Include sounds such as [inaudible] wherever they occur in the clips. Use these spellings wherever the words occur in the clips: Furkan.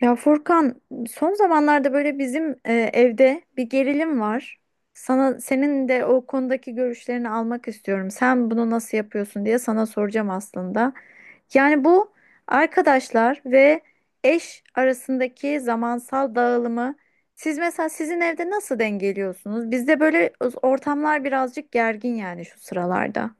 Ya Furkan, son zamanlarda böyle bizim evde bir gerilim var. Sana senin de o konudaki görüşlerini almak istiyorum. Sen bunu nasıl yapıyorsun diye sana soracağım aslında. Yani bu arkadaşlar ve eş arasındaki zamansal dağılımı siz mesela sizin evde nasıl dengeliyorsunuz? Bizde böyle ortamlar birazcık gergin yani şu sıralarda.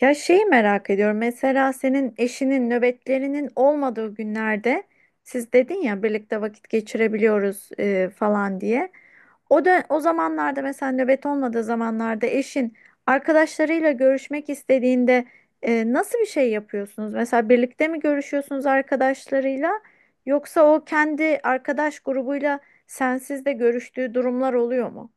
Ya şeyi merak ediyorum. Mesela senin eşinin nöbetlerinin olmadığı günlerde siz dedin ya birlikte vakit geçirebiliyoruz falan diye. O da o zamanlarda mesela nöbet olmadığı zamanlarda eşin arkadaşlarıyla görüşmek istediğinde nasıl bir şey yapıyorsunuz? Mesela birlikte mi görüşüyorsunuz arkadaşlarıyla yoksa o kendi arkadaş grubuyla sensiz de görüştüğü durumlar oluyor mu?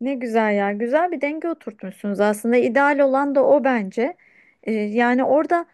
Ne güzel ya. Güzel bir denge oturtmuşsunuz aslında. İdeal olan da o bence. Yani orada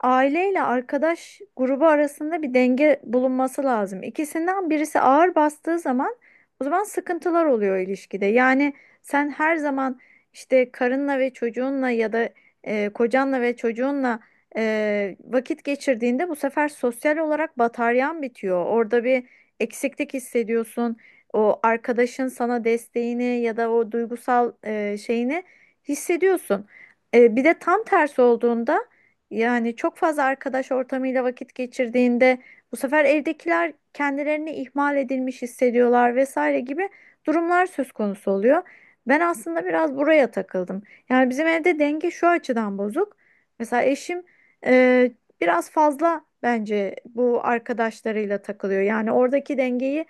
aileyle arkadaş grubu arasında bir denge bulunması lazım. İkisinden birisi ağır bastığı zaman o zaman sıkıntılar oluyor ilişkide. Yani sen her zaman işte karınla ve çocuğunla ya da kocanla ve çocuğunla vakit geçirdiğinde bu sefer sosyal olarak bataryan bitiyor. Orada bir eksiklik hissediyorsun. O arkadaşın sana desteğini ya da o duygusal şeyini hissediyorsun. Bir de tam tersi olduğunda yani çok fazla arkadaş ortamıyla vakit geçirdiğinde bu sefer evdekiler kendilerini ihmal edilmiş hissediyorlar vesaire gibi durumlar söz konusu oluyor. Ben aslında biraz buraya takıldım. Yani bizim evde denge şu açıdan bozuk. Mesela eşim e, biraz fazla bence bu arkadaşlarıyla takılıyor. Yani oradaki dengeyi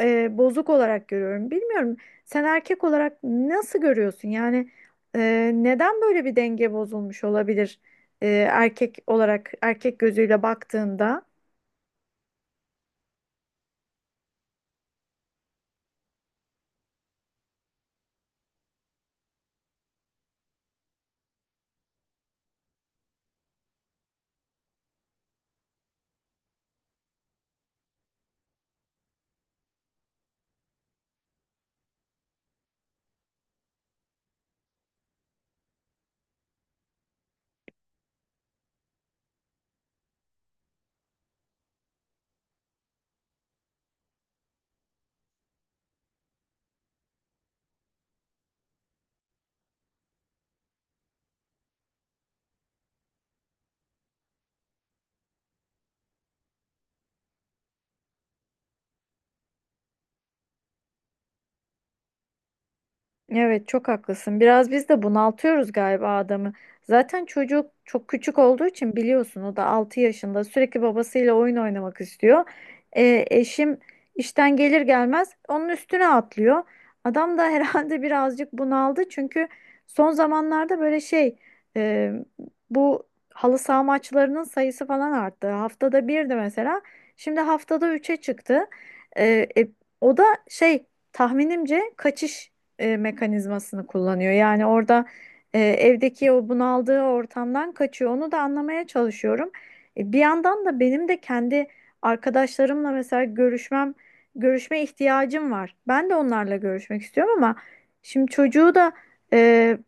bozuk olarak görüyorum. Bilmiyorum sen erkek olarak nasıl görüyorsun? Yani neden böyle bir denge bozulmuş olabilir erkek olarak erkek gözüyle baktığında? Evet çok haklısın. Biraz biz de bunaltıyoruz galiba adamı. Zaten çocuk çok küçük olduğu için biliyorsun o da 6 yaşında sürekli babasıyla oyun oynamak istiyor. Eşim işten gelir gelmez onun üstüne atlıyor. Adam da [laughs] herhalde birazcık bunaldı çünkü son zamanlarda e, bu halı saha maçlarının sayısı falan arttı. Haftada 1'di mesela. Şimdi haftada 3'e çıktı. Ee, e, O da şey tahminimce kaçış mekanizmasını kullanıyor. Yani orada evdeki o bunaldığı ortamdan kaçıyor. Onu da anlamaya çalışıyorum. Bir yandan da benim de kendi arkadaşlarımla mesela görüşme ihtiyacım var. Ben de onlarla görüşmek istiyorum ama şimdi çocuğu da e,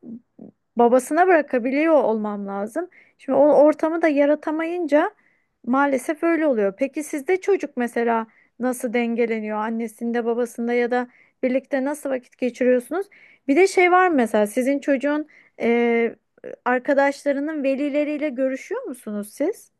babasına bırakabiliyor olmam lazım. Şimdi o ortamı da yaratamayınca maalesef öyle oluyor. Peki sizde çocuk mesela nasıl dengeleniyor? Annesinde, babasında ya da birlikte nasıl vakit geçiriyorsunuz? Bir de şey var mı mesela sizin çocuğun e, arkadaşlarının velileriyle görüşüyor musunuz siz?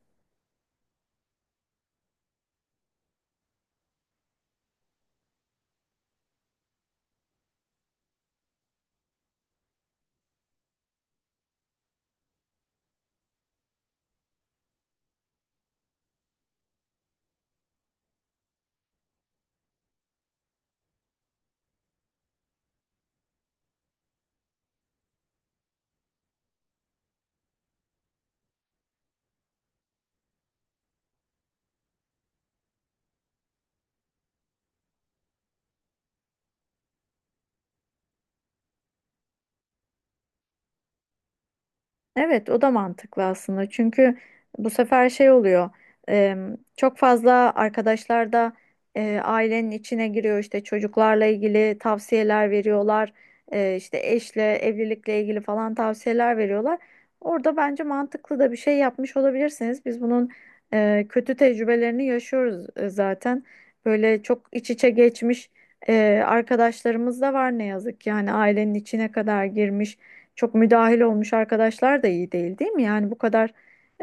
Evet, o da mantıklı aslında. Çünkü bu sefer şey oluyor. e, Çok fazla arkadaşlar da ailenin içine giriyor. İşte, çocuklarla ilgili tavsiyeler veriyorlar. İşte eşle, evlilikle ilgili falan tavsiyeler veriyorlar. Orada bence mantıklı da bir şey yapmış olabilirsiniz. Biz bunun kötü tecrübelerini yaşıyoruz zaten. Böyle çok iç içe geçmiş arkadaşlarımız da var ne yazık ki. Yani ailenin içine kadar girmiş çok müdahil olmuş arkadaşlar da iyi değil, değil mi? Yani bu kadar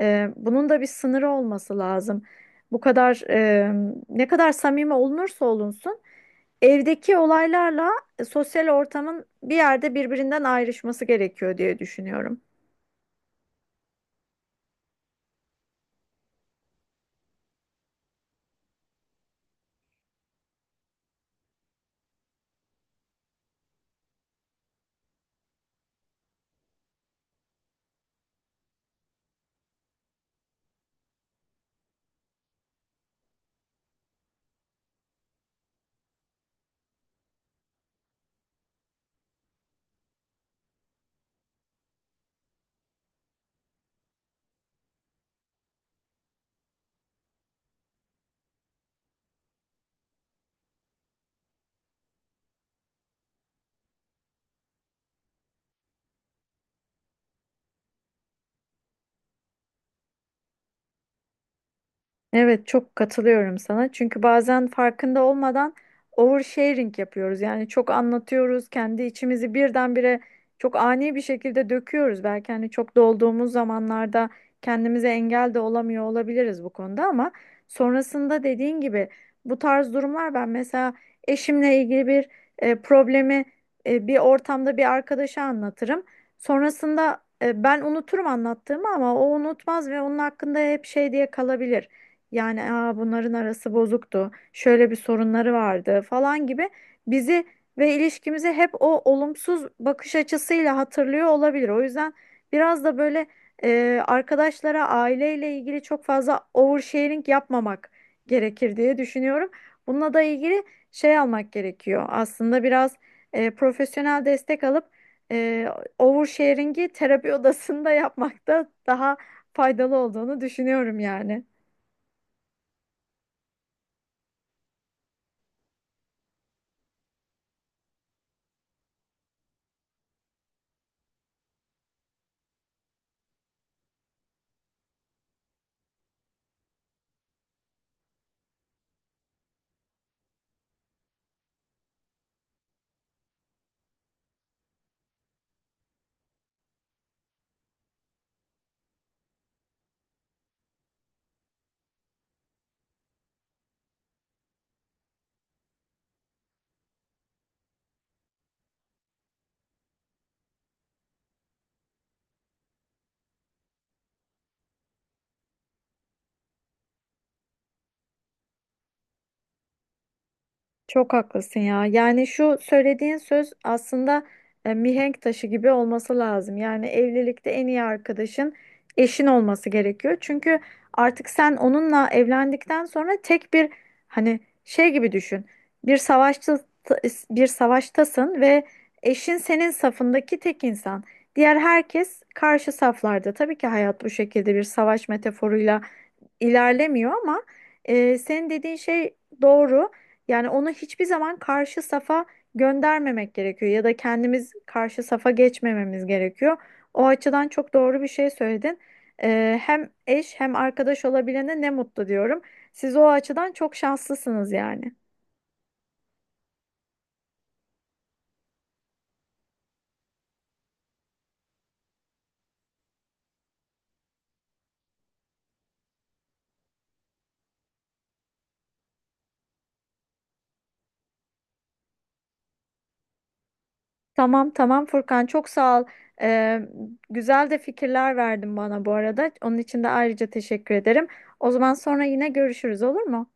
bunun da bir sınırı olması lazım. Bu kadar ne kadar samimi olunursa olunsun evdeki olaylarla sosyal ortamın bir yerde birbirinden ayrışması gerekiyor diye düşünüyorum. Evet çok katılıyorum sana. Çünkü bazen farkında olmadan oversharing yapıyoruz. Yani çok anlatıyoruz, kendi içimizi birdenbire çok ani bir şekilde döküyoruz. Belki hani çok dolduğumuz zamanlarda kendimize engel de olamıyor olabiliriz bu konuda ama sonrasında dediğin gibi bu tarz durumlar ben mesela eşimle ilgili bir problemi bir ortamda bir arkadaşa anlatırım. Sonrasında ben unuturum anlattığımı ama o unutmaz ve onun hakkında hep şey diye kalabilir. Yani Aa, bunların arası bozuktu. Şöyle bir sorunları vardı falan gibi bizi ve ilişkimizi hep o olumsuz bakış açısıyla hatırlıyor olabilir. O yüzden biraz da böyle arkadaşlara aileyle ilgili çok fazla oversharing yapmamak gerekir diye düşünüyorum. Bununla da ilgili şey almak gerekiyor. Aslında biraz profesyonel destek alıp e, oversharing'i terapi [laughs] odasında yapmak da daha faydalı olduğunu düşünüyorum yani. Çok haklısın ya. Yani şu söylediğin söz aslında mihenk taşı gibi olması lazım. Yani evlilikte en iyi arkadaşın eşin olması gerekiyor. Çünkü artık sen onunla evlendikten sonra tek bir hani şey gibi düşün. Bir savaşta Bir savaştasın ve eşin senin safındaki tek insan. Diğer herkes karşı saflarda. Tabii ki hayat bu şekilde bir savaş metaforuyla ilerlemiyor ama senin dediğin şey doğru. Yani onu hiçbir zaman karşı safa göndermemek gerekiyor ya da kendimiz karşı safa geçmememiz gerekiyor. O açıdan çok doğru bir şey söyledin. E, hem eş hem arkadaş olabilene ne mutlu diyorum. Siz o açıdan çok şanslısınız yani. Tamam, Furkan çok sağ ol. Ee, Güzel de fikirler verdin bana bu arada. Onun için de ayrıca teşekkür ederim. O zaman sonra yine görüşürüz olur mu?